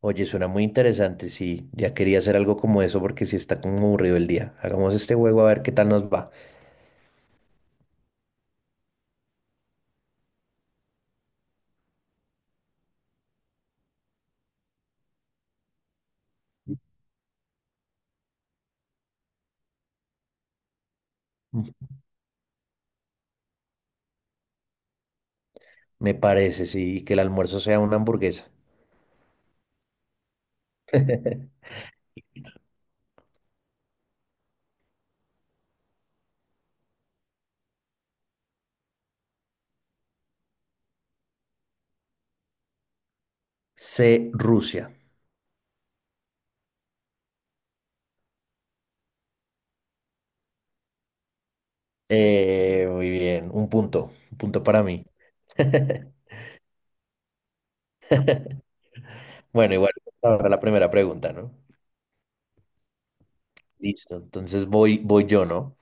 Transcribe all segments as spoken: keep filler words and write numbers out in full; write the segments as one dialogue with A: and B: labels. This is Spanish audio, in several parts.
A: Oye, suena muy interesante, sí. Ya quería hacer algo como eso porque sí está como aburrido el día. Hagamos este juego a ver qué tal nos va. Mm, me parece, sí, y que el almuerzo sea una hamburguesa. C, Rusia. Eh, muy bien, un punto, un punto para mí. Bueno, igual ahora la primera pregunta, ¿no? Listo, entonces voy, voy yo, ¿no?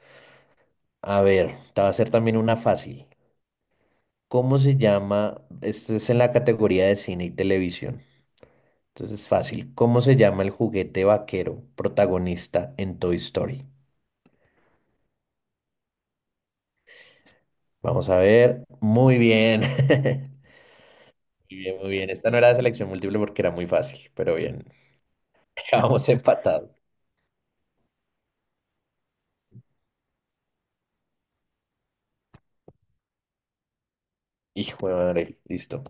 A: A ver, te va a hacer también una fácil. ¿Cómo se llama? Este es en la categoría de cine y televisión. Entonces, fácil. ¿Cómo se llama el juguete vaquero protagonista en Toy Story? Vamos a ver. Muy bien. Muy bien, muy bien. Esta no era de selección múltiple porque era muy fácil, pero bien. Vamos empatados. Hijo de madre, listo.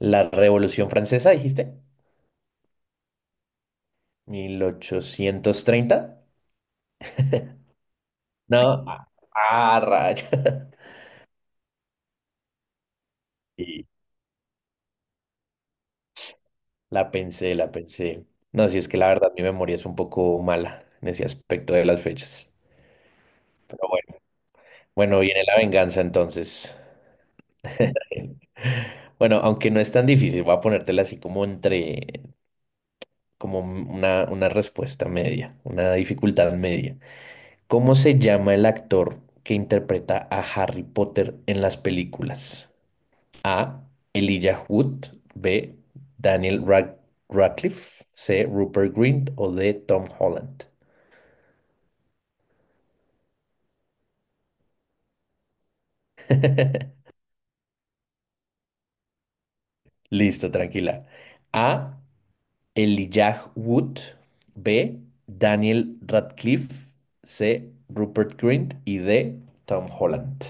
A: La Revolución Francesa, dijiste. mil ochocientos treinta. No. Ah, ah, raya. Sí, la pensé, la pensé. No, si es que la verdad mi memoria es un poco mala en ese aspecto de las fechas. Pero bueno, bueno, viene la venganza entonces. Bueno, aunque no es tan difícil, voy a ponértela así como entre, como una, una respuesta media, una dificultad media. ¿Cómo se llama el actor que interpreta a Harry Potter en las películas? A, Elijah Wood. B, Daniel Rad- Radcliffe. C, Rupert Grint o D, Tom Holland. Listo, tranquila. A, Elijah Wood, B, Daniel Radcliffe, C, Rupert Grint y D, Tom Holland.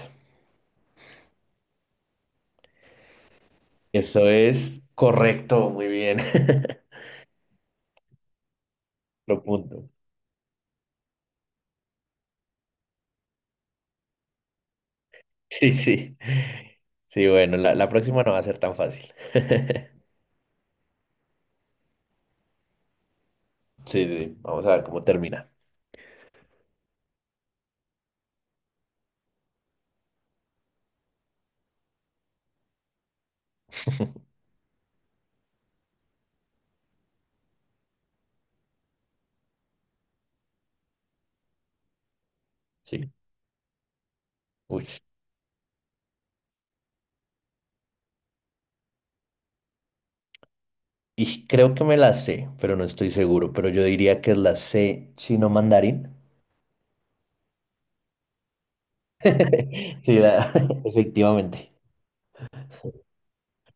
A: Eso es correcto, muy bien. Lo punto. Sí, sí. Sí, bueno, la, la próxima no va a ser tan fácil. Sí, sí, vamos a ver cómo termina. Sí. Uy. Y creo que me la sé, pero no estoy seguro, pero yo diría que es la C chino mandarín. Sí, la- efectivamente.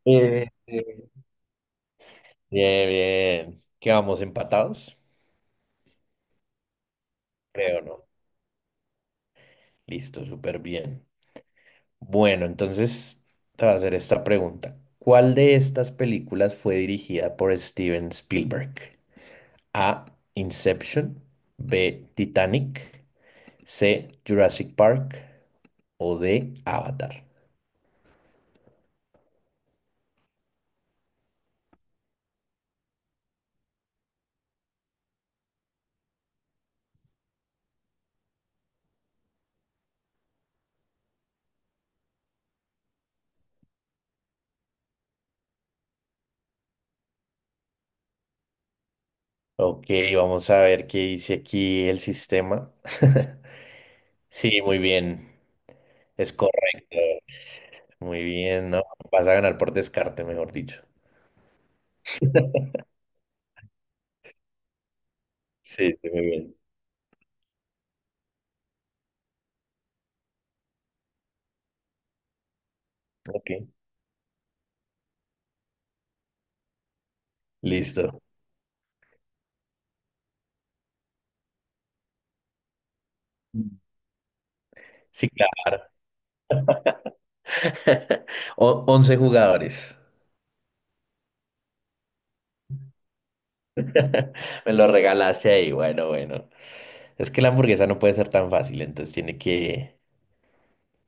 A: Eh, eh, Bien, bien. ¿Qué vamos empatados? Creo no. Listo, súper bien. Bueno, entonces te voy a hacer esta pregunta. ¿Cuál de estas películas fue dirigida por Steven Spielberg? A, Inception. B, Titanic. C, Jurassic Park. O D, Avatar. Ok, vamos a ver qué dice aquí el sistema. Sí, muy bien. Es correcto. Muy bien, ¿no? Vas a ganar por descarte, mejor dicho. Sí, sí, muy bien. Ok, listo. Sí, claro. O- once jugadores. Me lo regalaste ahí. Bueno, bueno. Es que la hamburguesa no puede ser tan fácil, entonces tiene que,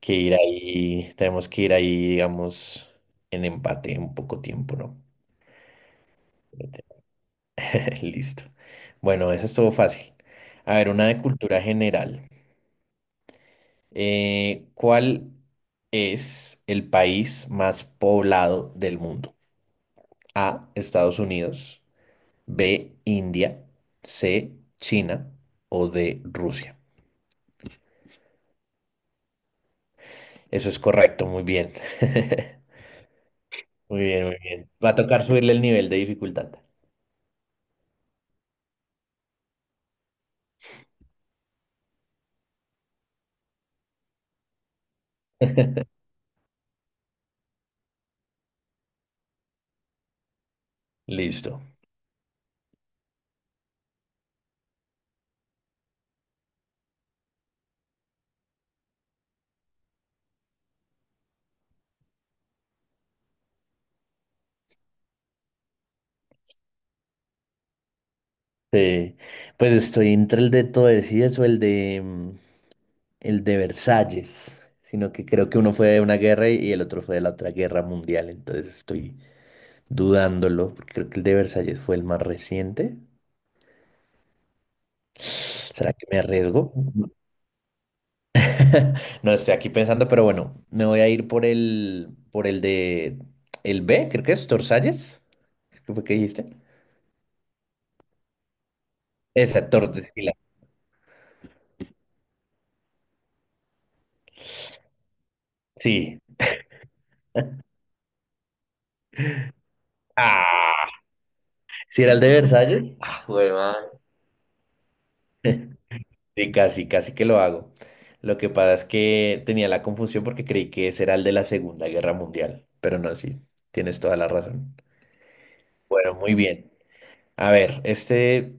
A: que ir ahí. Tenemos que ir ahí, digamos, en empate en poco tiempo, ¿no? Listo. Bueno, esa estuvo fácil. A ver, una de cultura general. Eh, ¿cuál es el país más poblado del mundo? A, Estados Unidos. B, India, C, China o D, Rusia. Eso es correcto, muy bien. Muy bien, muy bien. Va a tocar subirle el nivel de dificultad. Listo. Sí. Pues estoy entre el de Tordesillas o el de mm, el de Versalles, sino que creo que uno fue de una guerra y el otro fue de la otra guerra mundial, entonces estoy dudándolo, porque creo que el de Versalles fue el más reciente. ¿Será que me arriesgo? No estoy aquí pensando, pero bueno, me voy a ir por el, por el de el B, creo que es Torsalles. Creo que fue que dijiste. Esa, Tordesillas. Sí. Ah, si era el de Versalles. Ah, huevón. Sí, casi, casi que lo hago. Lo que pasa es que tenía la confusión porque creí que ese era el de la Segunda Guerra Mundial. Pero no, sí, tienes toda la razón. Bueno, muy bien. A ver, este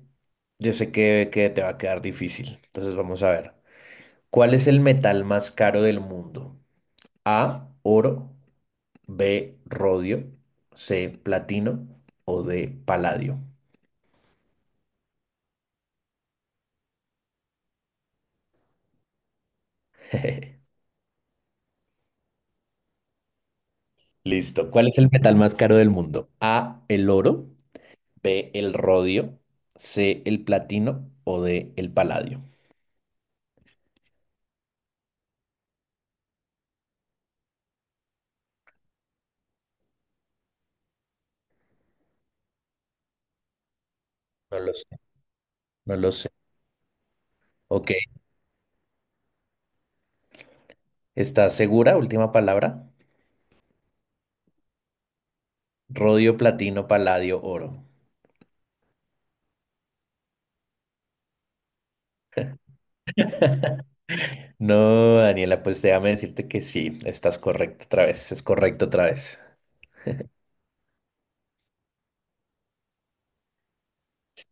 A: yo sé que, que te va a quedar difícil. Entonces vamos a ver. ¿Cuál es el metal más caro del mundo? A, oro, B, rodio, C, platino o D, paladio. Listo. ¿Cuál es el metal más caro del mundo? A, el oro, B, el rodio, C, el platino o D, el paladio. No lo sé, no lo sé. Ok, ¿estás segura? Última palabra. Rodio, platino, paladio, oro. No, Daniela, pues déjame decirte que sí, estás correcto otra vez, es correcto otra vez.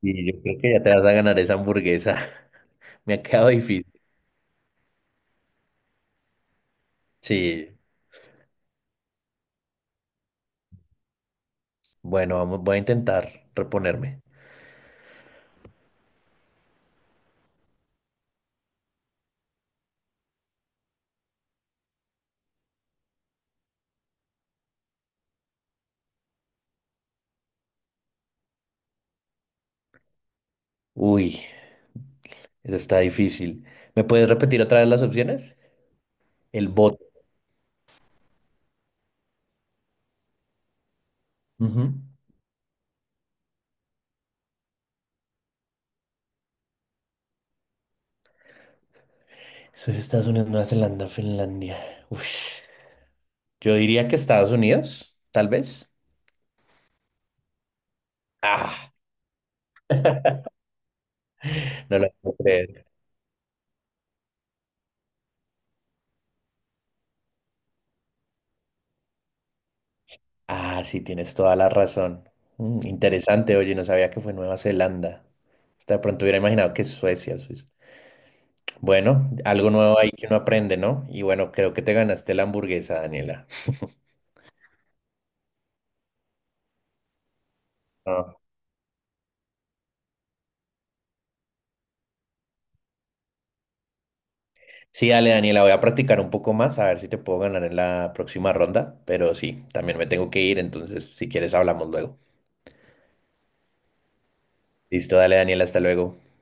A: Y yo creo que ya te vas a ganar esa hamburguesa. Me ha quedado difícil. Sí, bueno, vamos, voy a intentar reponerme. Uy, eso está difícil. ¿Me puedes repetir otra vez las opciones? El bot. Ujú. Eso es Estados Unidos, Nueva Zelanda, Finlandia. Uy, yo diría que Estados Unidos, tal vez. Ah, no lo puedo creer. Ah, sí, tienes toda la razón. Mm, interesante, oye, no sabía que fue Nueva Zelanda. Hasta de pronto hubiera imaginado que Suecia, Suiza. Bueno, algo nuevo ahí que uno aprende, ¿no? Y bueno, creo que te ganaste la hamburguesa, Daniela. Ah. Sí, dale, Daniela, voy a practicar un poco más, a ver si te puedo ganar en la próxima ronda, pero sí, también me tengo que ir, entonces si quieres hablamos luego. Listo, dale, Daniela, hasta luego.